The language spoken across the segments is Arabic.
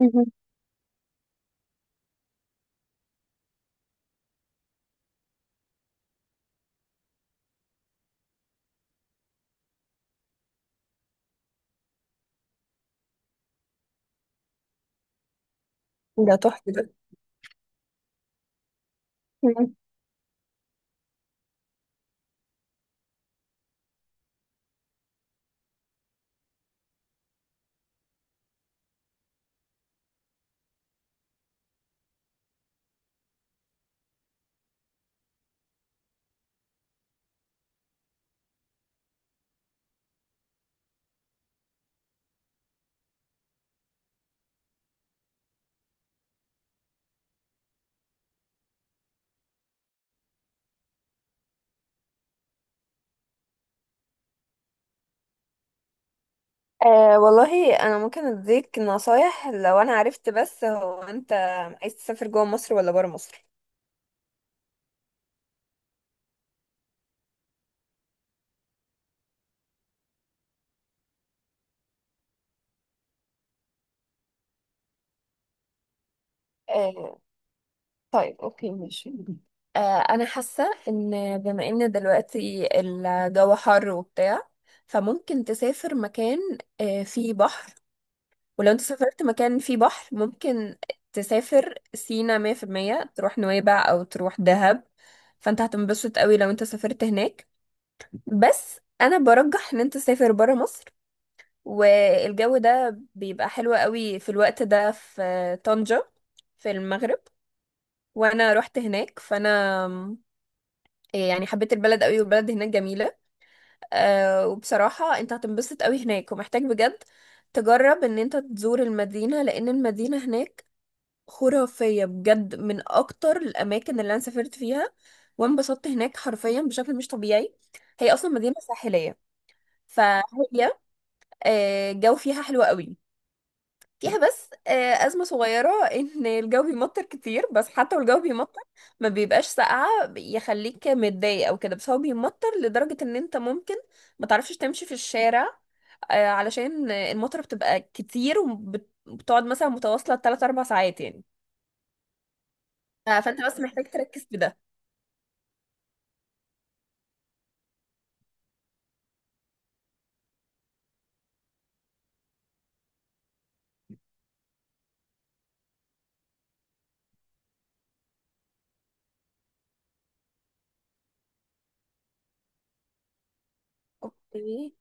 مهم. ده تحفة ده. مم. أه والله انا ممكن اديك نصايح لو انا عرفت، بس هو انت عايز تسافر جوه مصر ولا بره مصر؟ آه، طيب، اوكي، ماشي. أه، انا حاسه ان بما ان دلوقتي الجو حر وبتاع، فممكن تسافر مكان فيه بحر. ولو انت سافرت مكان فيه بحر، ممكن تسافر سينا 100%، تروح نويبع او تروح دهب، فانت هتنبسط قوي لو انت سافرت هناك. بس انا برجح ان انت تسافر برا مصر، والجو ده بيبقى حلو قوي في الوقت ده في طنجة، في المغرب. وانا رحت هناك، فانا إيه، يعني حبيت البلد قوي، والبلد هناك جميلة. أه، وبصراحة انت هتنبسط قوي هناك، ومحتاج بجد تجرب ان انت تزور المدينة، لان المدينة هناك خرافية بجد، من اكتر الاماكن اللي انا سافرت فيها وانبسطت هناك حرفيا بشكل مش طبيعي. هي اصلا مدينة ساحلية، فهي الجو فيها حلو قوي. فيها بس أزمة صغيرة إن الجو بيمطر كتير، بس حتى والجو بيمطر ما بيبقاش ساقعة يخليك متضايق أو كده، بس هو بيمطر لدرجة إن أنت ممكن ما تعرفش تمشي في الشارع، علشان المطر بتبقى كتير، وبتقعد مثلا متواصلة 3 4 ساعات يعني. فأنت بس محتاج تركز في ده. اوكي.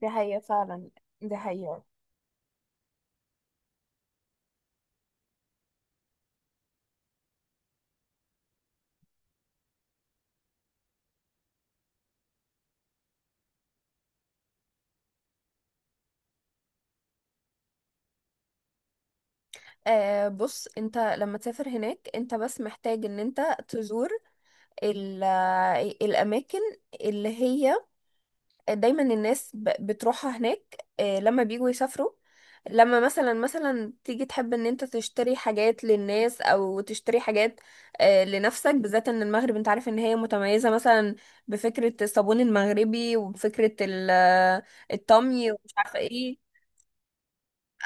دي حقيقة فعلا. دي حقيقة. آه، بص، انت لما تسافر هناك، انت بس محتاج ان انت تزور ال- الأماكن اللي هي دايما الناس بتروحها هناك، لما بيجوا يسافروا. لما مثلا تيجي تحب ان انت تشتري حاجات للناس او تشتري حاجات، لنفسك بالذات. ان المغرب انت عارف ان هي متميزة مثلا بفكرة الصابون المغربي، وبفكرة الطمي ومش عارفة ايه.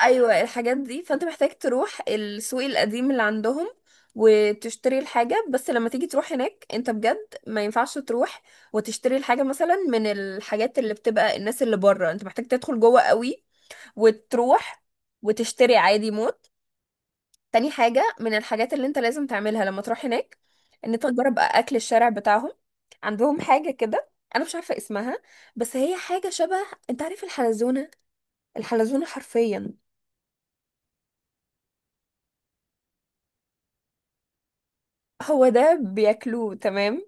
ايوه، الحاجات دي. فانت محتاج تروح السوق القديم اللي عندهم وتشتري الحاجة. بس لما تيجي تروح هناك انت بجد، ما ينفعش تروح وتشتري الحاجة مثلا من الحاجات اللي بتبقى الناس اللي بره، انت محتاج تدخل جوه قوي وتروح وتشتري عادي موت. تاني حاجة من الحاجات اللي انت لازم تعملها لما تروح هناك، ان انت تجرب اكل الشارع بتاعهم. عندهم حاجة كده انا مش عارفة اسمها، بس هي حاجة شبه، انت عارف الحلزونة؟ الحلزونة حرفيا. هو ده بياكلوه، تمام.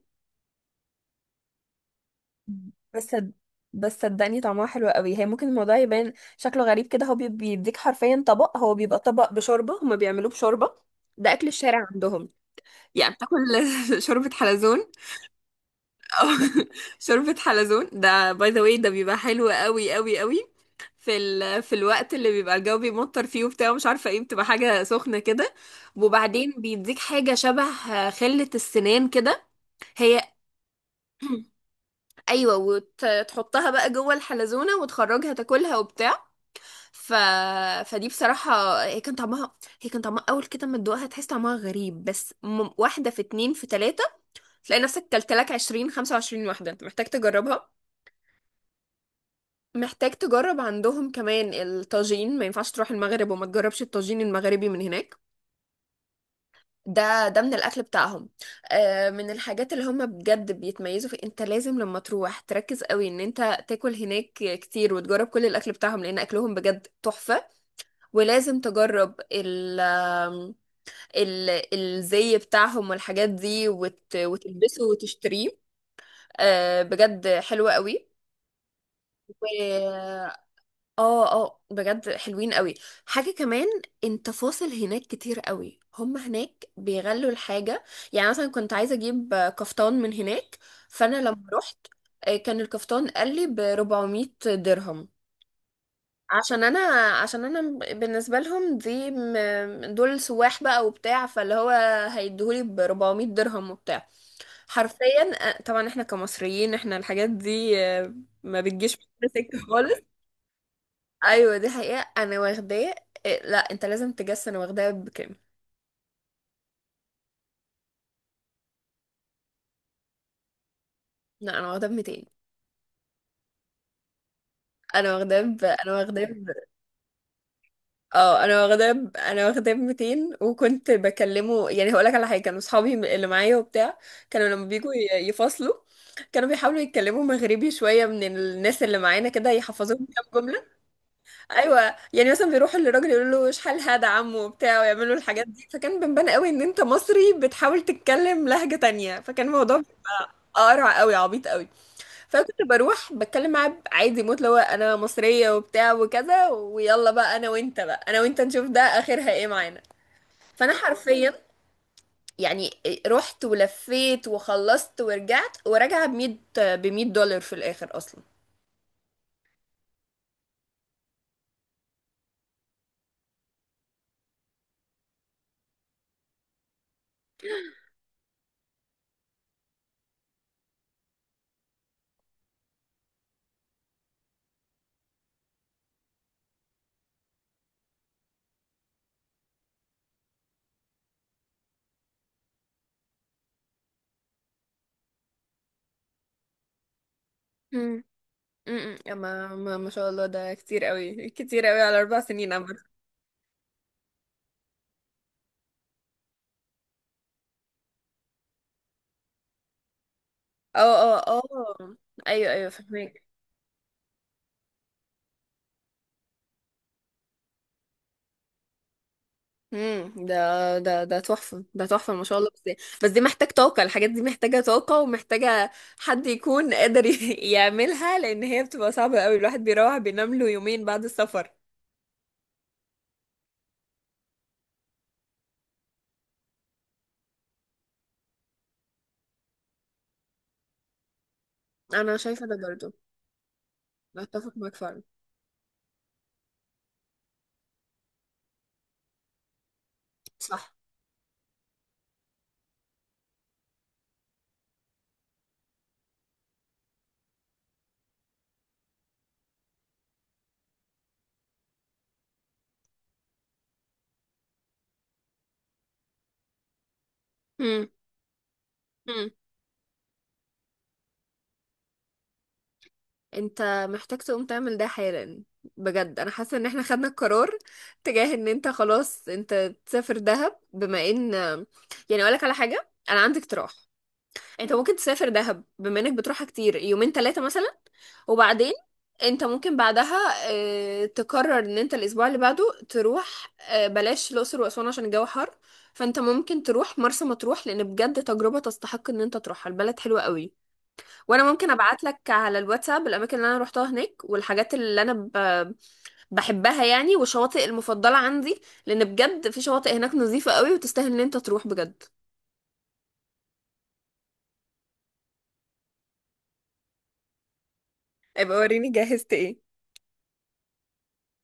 بس صد- بس صدقني طعمها حلو قوي. هي ممكن الموضوع يبان شكله غريب كده، هو بيديك حرفيا طبق، هو بيبقى طبق بشوربة، هما بيعملوه بشوربة. ده أكل الشارع عندهم. يعني بتاكل شوربة حلزون. أو شوربة حلزون، ده باي ذا واي ده بيبقى حلو قوي قوي قوي في الوقت اللي بيبقى الجو بيمطر فيه وبتاع مش عارفة ايه، بتبقى حاجة سخنة كده. وبعدين بيديك حاجة شبه خلة السنان كده، هي ايوه، وتحطها بقى جوه الحلزونه وتخرجها تاكلها وبتاع. ف... فدي بصراحه هي كان طعمها، هي كان طعمها اول كده ما تدوقها تحس طعمها غريب، بس واحده في اتنين في تلاته تلاقي نفسك كلت لك 20 25 واحده. انت محتاج تجربها. محتاج تجرب عندهم كمان الطاجين، ما ينفعش تروح المغرب وما تجربش الطاجين المغربي من هناك. ده ده من الاكل بتاعهم، من الحاجات اللي هم بجد بيتميزوا في. انت لازم لما تروح تركز قوي ان انت تاكل هناك كتير وتجرب كل الاكل بتاعهم لان اكلهم بجد تحفة. ولازم تجرب ال آم، ال الزي بتاعهم والحاجات دي، وتلبسه وتشتريه، بجد حلوة قوي. اه، اه، بجد حلوين قوي. حاجة كمان، انت فاصل هناك كتير قوي، هم هناك بيغلوا الحاجة. يعني مثلا كنت عايزة اجيب كفتان من هناك. فانا لما رحت كان الكفتان قال لي ب 400 درهم. عشان انا، عشان انا بالنسبة لهم دي دول سواح بقى وبتاع، فاللي هو هيديهولي ب 400 درهم وبتاع حرفيا. طبعا احنا كمصريين احنا الحاجات دي ما بتجيش في سكة خالص. ايوه دي حقيقة، انا واخداه. إيه، لا انت لازم تجس، انا واخداه بكام؟ لا، انا واخداه ب 200. انا واخداه ب... انا واخداه ب... انا واخداه ب 200، وكنت بكلمه. يعني هقول لك على حاجة، كانوا اصحابي اللي معايا وبتاع كانوا لما بيجوا يفصلوا كانوا بيحاولوا يتكلموا مغربي شوية من الناس اللي معانا كده يحفظوهم كام. ايوه، يعني مثلا بيروحوا للراجل يقولوا له شحال هذا عمو وبتاع ويعملوا الحاجات دي. فكان بنبان قوي ان انت مصري بتحاول تتكلم لهجة تانية، فكان الموضوع بيبقى قرع قوي عبيط قوي. فكنت بروح بتكلم معاه عادي موت، اللي هو انا مصرية وبتاع وكذا، ويلا بقى انا وانت، بقى انا وانت نشوف ده اخرها ايه معانا. فانا حرفيا يعني رحت ولفيت وخلصت ورجعت وراجعة ب 100، ب 100 دولار في الاخر اصلا. ما شاء الله، ده كتير قوي كتير قوي على 4 سنين عامة. اه، اه، اه، ايوه، ايوه، فهمك. امم ده ده تحفة، ده تحفة، ما شاء الله. بس بس دي محتاج طاقة، الحاجات دي محتاجة طاقة ومحتاجة حد يكون قادر يعملها، لان هي بتبقى صعبة قوي، الواحد بيروح بينام له يومين بعد السفر. انا شايفة ده برضو. اتفق معاك فعلا. صح. امم، انت محتاج تقوم تعمل ده حالا، بجد انا حاسه ان احنا خدنا القرار تجاه ان انت خلاص انت تسافر دهب. بما ان يعني اقولك على حاجه، انا عندي اقتراح. انت ممكن تسافر دهب بما انك بتروحها كتير، يومين ثلاثه مثلا، وبعدين انت ممكن بعدها اه، تقرر ان انت الاسبوع اللي بعده تروح، بلاش الاقصر واسوان عشان الجو حر. فانت ممكن تروح مرسى مطروح، لان بجد تجربه تستحق ان انت تروحها، البلد حلوه قوي. وانا ممكن ابعت لك على الواتساب الاماكن اللي انا روحتها هناك، والحاجات اللي انا بحبها يعني، والشواطئ المفضله عندي، لان بجد في شواطئ هناك نظيفه قوي وتستاهل ان انت تروح بجد. ابقى وريني جهزت ايه.